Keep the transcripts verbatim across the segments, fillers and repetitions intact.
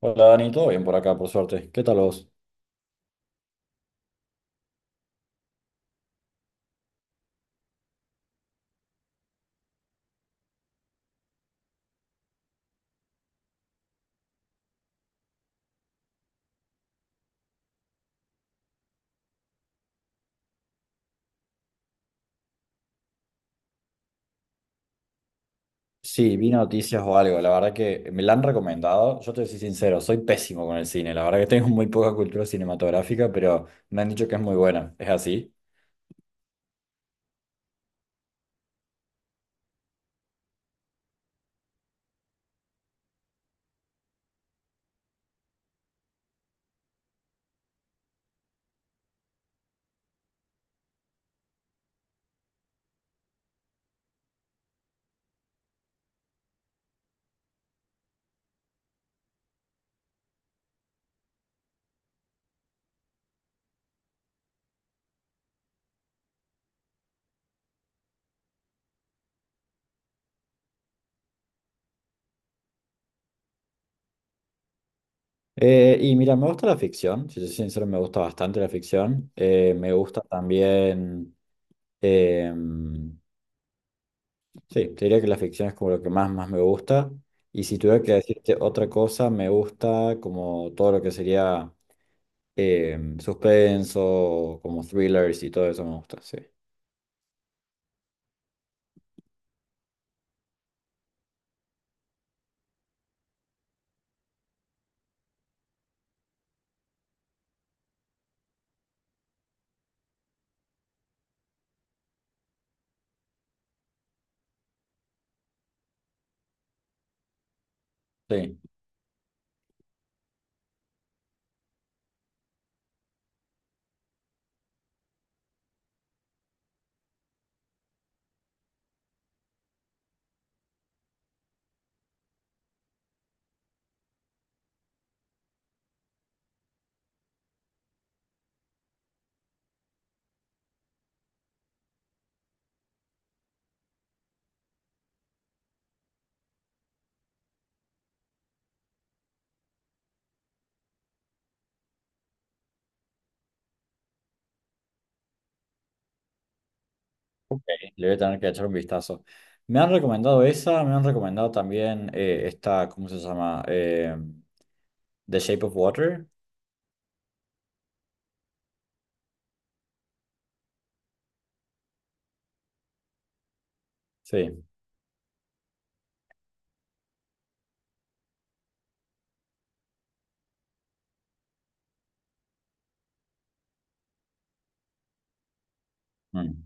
Hola Dani, todo bien por acá, por suerte. ¿Qué tal vos? Sí, vi noticias o algo. La verdad que me la han recomendado. Yo te soy sincero, soy pésimo con el cine. La verdad que tengo muy poca cultura cinematográfica, pero me han dicho que es muy buena. ¿Es así? Eh, y mira, me gusta la ficción. Si soy sincero, me gusta bastante la ficción. Eh, me gusta también. eh, sí, te diría que la ficción es como lo que más, más me gusta. Y si tuviera que decirte otra cosa, me gusta como todo lo que sería. Eh, suspenso, como thrillers y todo eso me gusta, sí. Sí, ok, le voy a tener que echar un vistazo. Me han recomendado esa, me han recomendado también eh, esta, ¿cómo se llama? Em, The Shape of Water. Sí. Mm.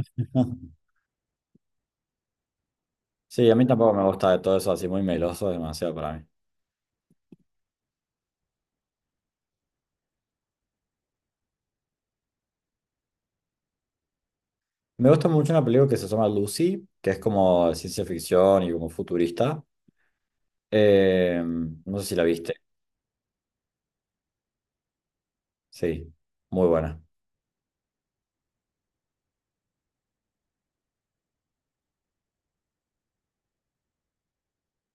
Sí, a mí tampoco me gusta de todo eso así muy meloso, es demasiado para mí. Me gusta mucho una película que se llama Lucy, que es como ciencia ficción y como futurista. Em, no sé si la viste. Sí, muy buena.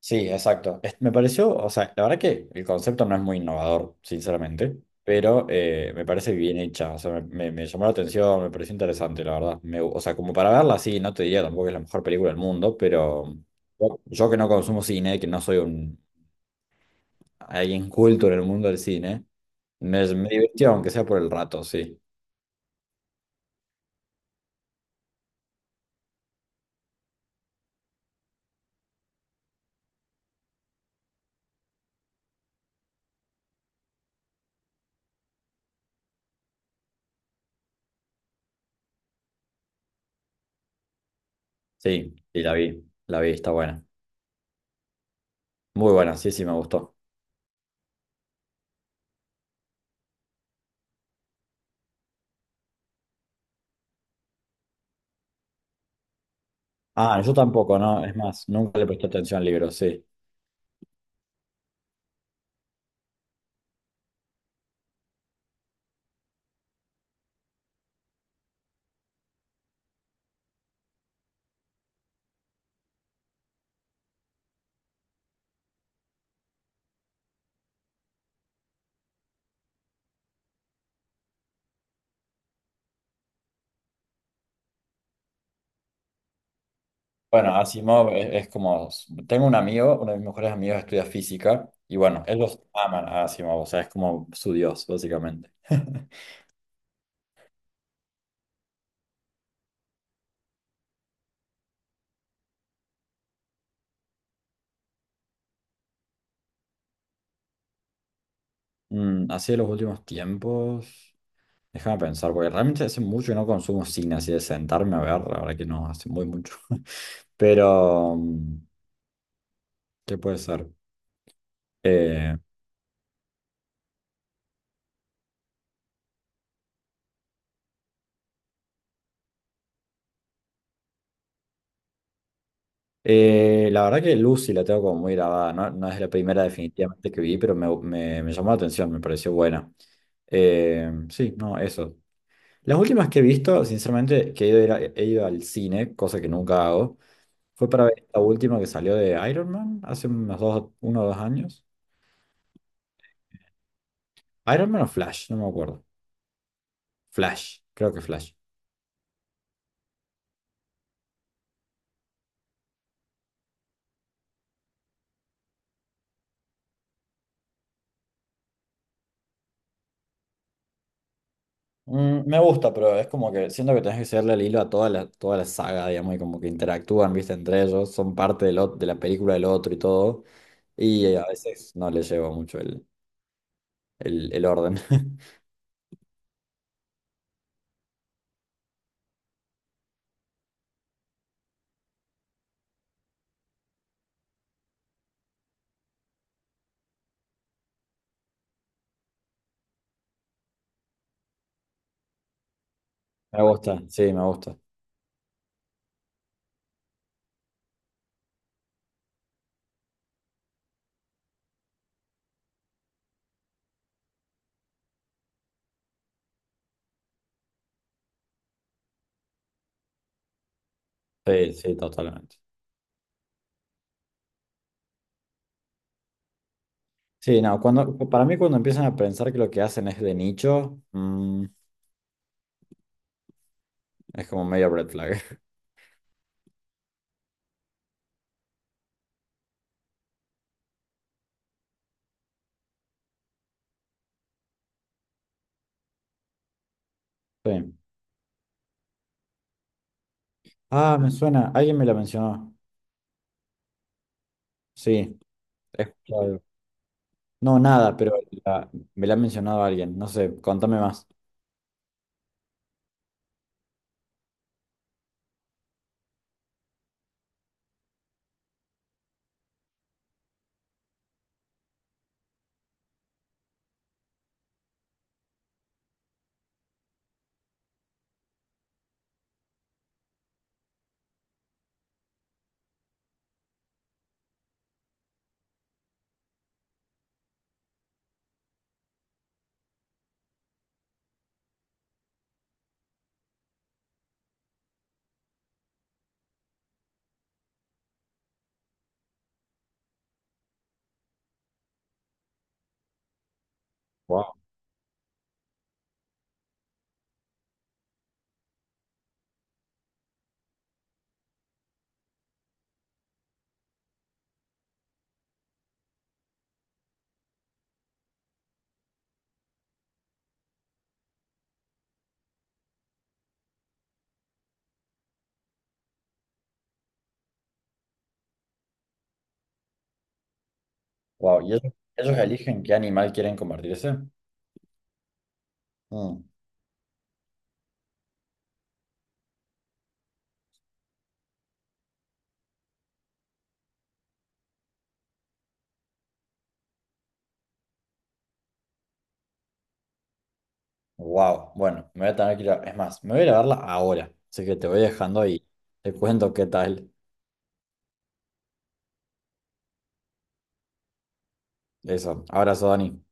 Sí, exacto. Es- Me pareció, o sea, la verdad que el concepto no es muy innovador, sinceramente, pero eh, me parece bien hecha, o sea, me, me- me llamó la atención, me pareció interesante, la verdad. Me gu- o sea, como para verla, sí, no te diría tampoco que es la mejor película del mundo, pero yo, yo que no consumo cine, que no soy un alguien culto en el mundo del cine, me, me divirtió, aunque sea por el rato, sí. Sí, y la vi, la vi, está buena. Muy buena, sí, sí, me gustó. Ah, yo tampoco, ¿no? Es más, nunca le presté atención al libro, sí. Bueno, Asimov es, es como, tengo un amigo, uno de mis mejores amigos estudia física y bueno, ellos aman a Asimov, o sea, es como su dios, básicamente. Mm, así de los últimos tiempos, déjame pensar, porque realmente hace mucho que no consumo cine, así de sentarme a ver, la verdad que no, hace muy mucho. Pero, mm, ¿qué puede ser? Eh, eh, la verdad que Lucy la tengo como muy grabada, no, no es la primera definitivamente que vi, pero me, me- me llamó la atención, me pareció buena. Eh, sí, no, eso. Las últimas que he visto, sinceramente, que he ido, a ir a- he ido al cine, cosa que nunca hago, fue para ver la última que salió de Iron Man hace unos dos, uno o dos años. Iron Man o Flash, no me acuerdo. Flash, creo que Flash. Mm, me gusta, pero es como que siento que tenés que seguirle el hilo a toda la, toda la saga, digamos, y como que interactúan, viste, entre ellos, son parte del, ot- de la película del otro y todo, y eh, a veces no le llevo mucho el, el, el orden. Me gusta, sí, me gusta. Sí, sí, totalmente. Sí, no, cuando, para mí cuando empiezan a pensar que lo que hacen es de nicho, mm, es como medio red flag. Sí. Ah, me suena, alguien me la mencionó. Sí, he escuchado algo. No, nada, pero la- me la ha mencionado alguien. No sé, contame más. Wow, wow. ¿Y ellos, ellos eligen qué animal quieren convertirse? Wow, bueno, me voy a tener que ir a- Es más, me voy a ir a verla ahora. Así que te voy dejando y te cuento qué tal. Eso. Abrazo, Dani.